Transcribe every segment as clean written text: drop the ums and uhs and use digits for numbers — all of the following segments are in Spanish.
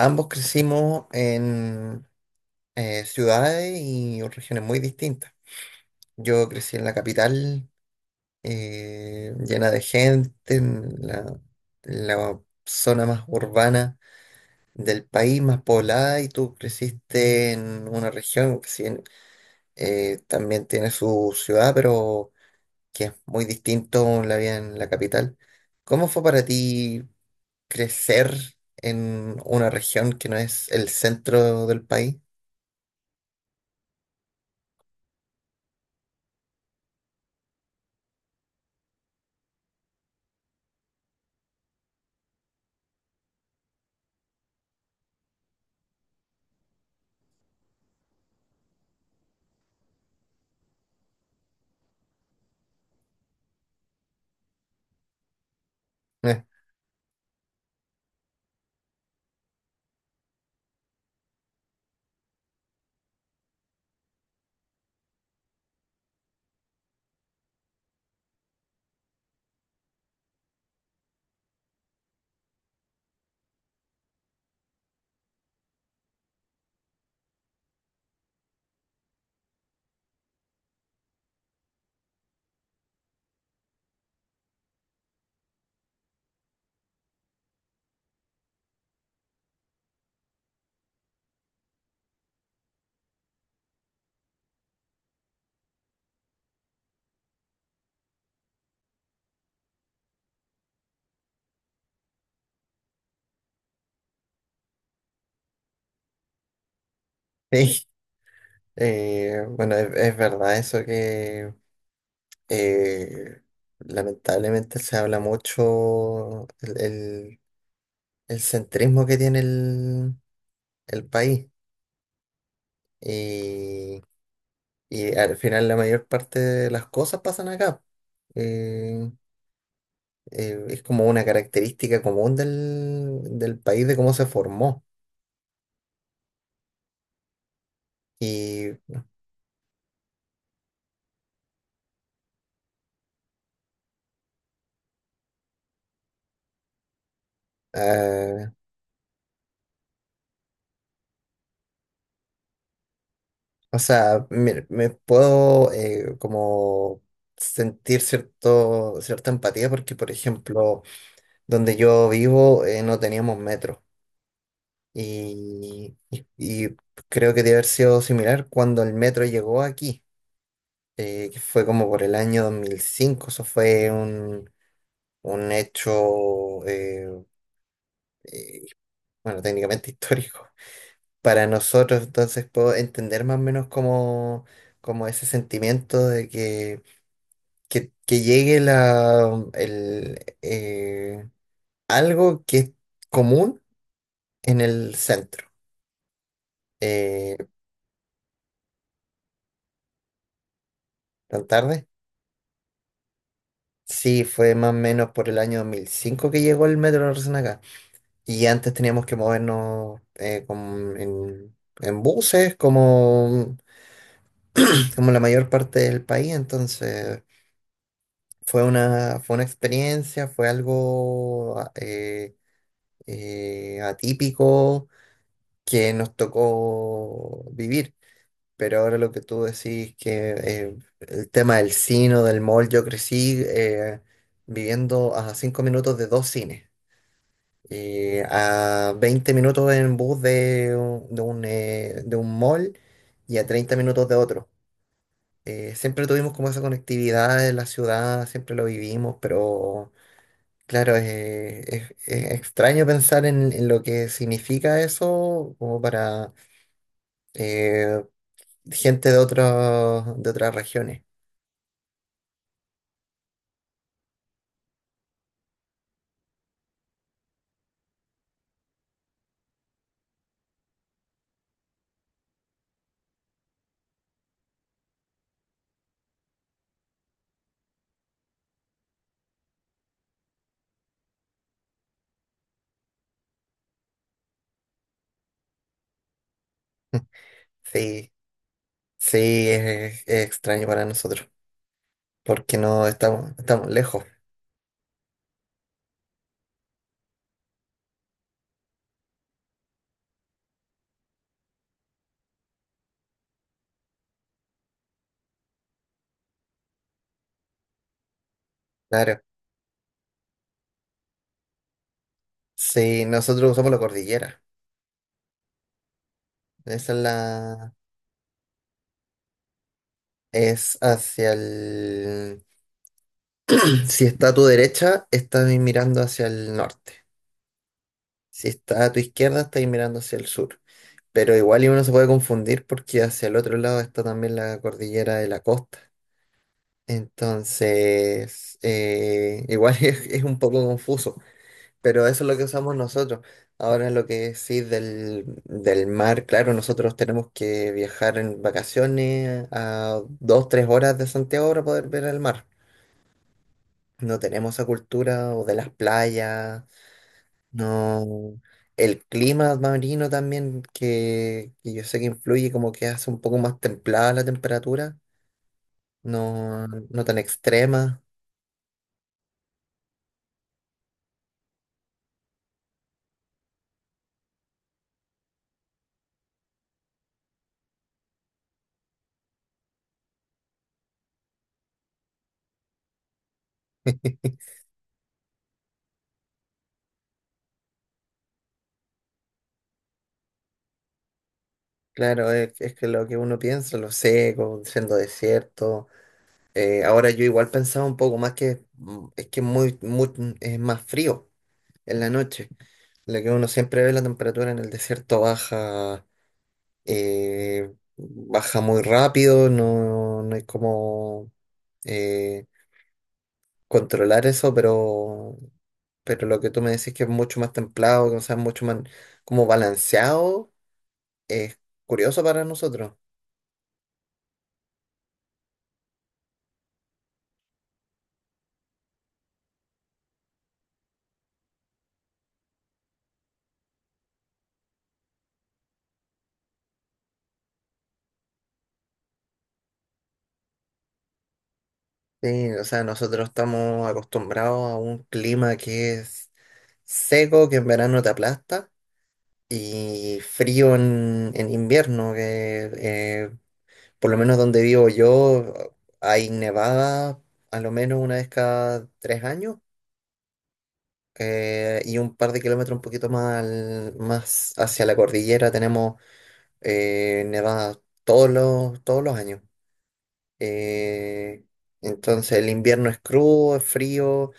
Ambos crecimos en ciudades y regiones muy distintas. Yo crecí en la capital, llena de gente, en la zona más urbana del país, más poblada, y tú creciste en una región que si bien, también tiene su ciudad, pero que es muy distinto la vida en la capital. ¿Cómo fue para ti crecer en una región que no es el centro del país? Sí, bueno, es verdad eso que eh, lamentablemente se habla mucho el centrismo que tiene el país, y, y al final la mayor parte de las cosas pasan acá. Eh, es como una característica común del país de cómo se formó. y ah, O sea, me puedo como sentir cierta empatía porque, por ejemplo, donde yo vivo no teníamos metro, y creo que debe haber sido similar cuando el metro llegó aquí, que fue como por el año 2005. Eso fue un hecho, eh, bueno, técnicamente histórico para nosotros, entonces puedo entender más o menos como ese sentimiento de que llegue algo que es común en el centro. Eh, ¿Tan tarde? Sí, fue más o menos por el año 2005 que llegó el metro recién acá. Y antes teníamos que movernos en buses, como la mayor parte del país. Entonces fue una experiencia, fue algo atípico que nos tocó vivir. Pero ahora lo que tú decís que el tema del cine o del mall, yo crecí viviendo a 5 minutos de dos cines y a 20 minutos en bus de un mall y a 30 minutos de otro. Siempre tuvimos como esa conectividad en la ciudad, siempre lo vivimos, pero claro, es extraño pensar en lo que significa eso como para eh, gente de otras regiones. Sí, sí, es extraño para nosotros, porque no estamos, estamos lejos, claro. Sí, nosotros usamos la cordillera. Esa es la... Es hacia el... Si está a tu derecha, estás mirando hacia el norte. Si está a tu izquierda, estás mirando hacia el sur. Pero igual y uno se puede confundir porque hacia el otro lado está también la cordillera de la costa. Entonces, igual es un poco confuso. Pero eso es lo que usamos nosotros. Ahora lo que sí del mar, claro, nosotros tenemos que viajar en vacaciones a 2, 3 horas de Santiago para poder ver el mar. No tenemos esa cultura o de las playas, no. El clima marino también, que yo sé que influye, como que hace un poco más templada la temperatura, no, no tan extrema. Claro, es que lo que uno piensa, lo seco, siendo desierto. Ahora yo igual pensaba un poco más que es que muy, muy, es más frío en la noche. Lo que uno siempre ve, la temperatura en el desierto baja, eh, baja muy rápido, no, no hay como eh, controlar eso, pero lo que tú me decís que es mucho más templado, que o sea, mucho más como balanceado, es curioso para nosotros. Sí, o sea, nosotros estamos acostumbrados a un clima que es seco, que en verano te aplasta, y frío en invierno, que por lo menos donde vivo yo hay nevada a lo menos una vez cada 3 años, y un par de kilómetros un poquito más, más hacia la cordillera tenemos nevada todos los años. Eh, entonces el invierno es crudo, es frío.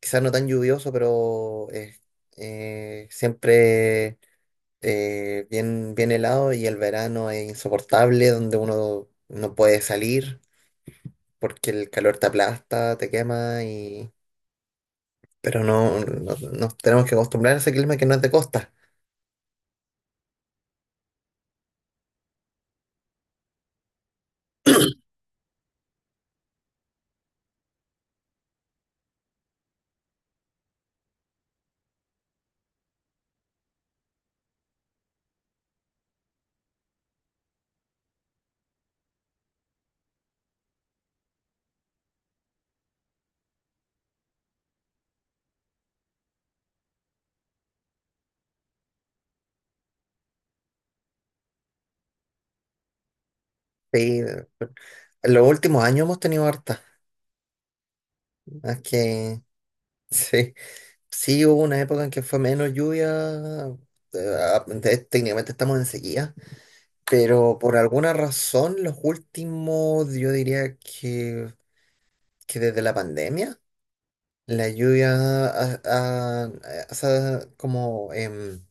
Quizás no tan lluvioso, pero es siempre bien, bien helado y el verano es insoportable, donde uno no puede salir porque el calor te aplasta, te quema y... Pero no, nos tenemos que acostumbrar a ese clima que no es de costa. Sí, en los últimos años hemos tenido harta. Es que sí, sí hubo una época en que fue menos lluvia. Técnicamente estamos en sequía. Pero por alguna razón, los últimos, yo diría que desde la pandemia, la lluvia se ha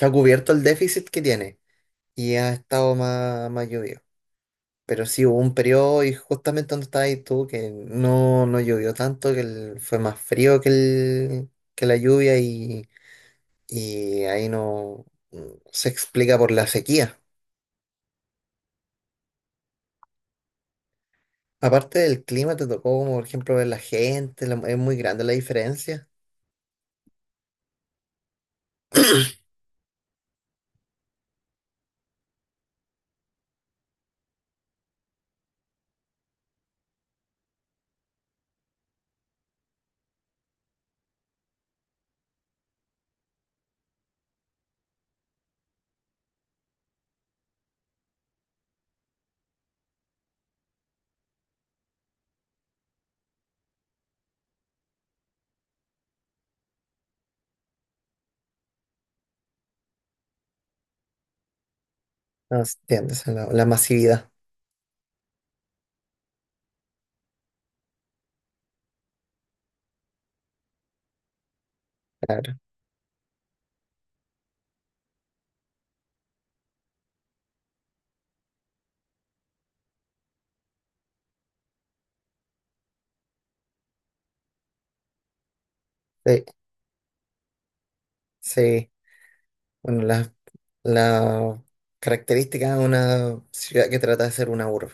ha cubierto el déficit que tiene y ha estado más, más lluvioso. Pero sí hubo un periodo, y justamente donde estabas ahí tú, que no llovió tanto, que fue más frío que la lluvia, y ahí no se explica por la sequía. Aparte del clima, te tocó, como por ejemplo, ver la gente, es muy grande la diferencia. No se entiende, o sea, la masividad, claro. Sí, sí. Bueno, la característica de una ciudad que trata de ser una urbe.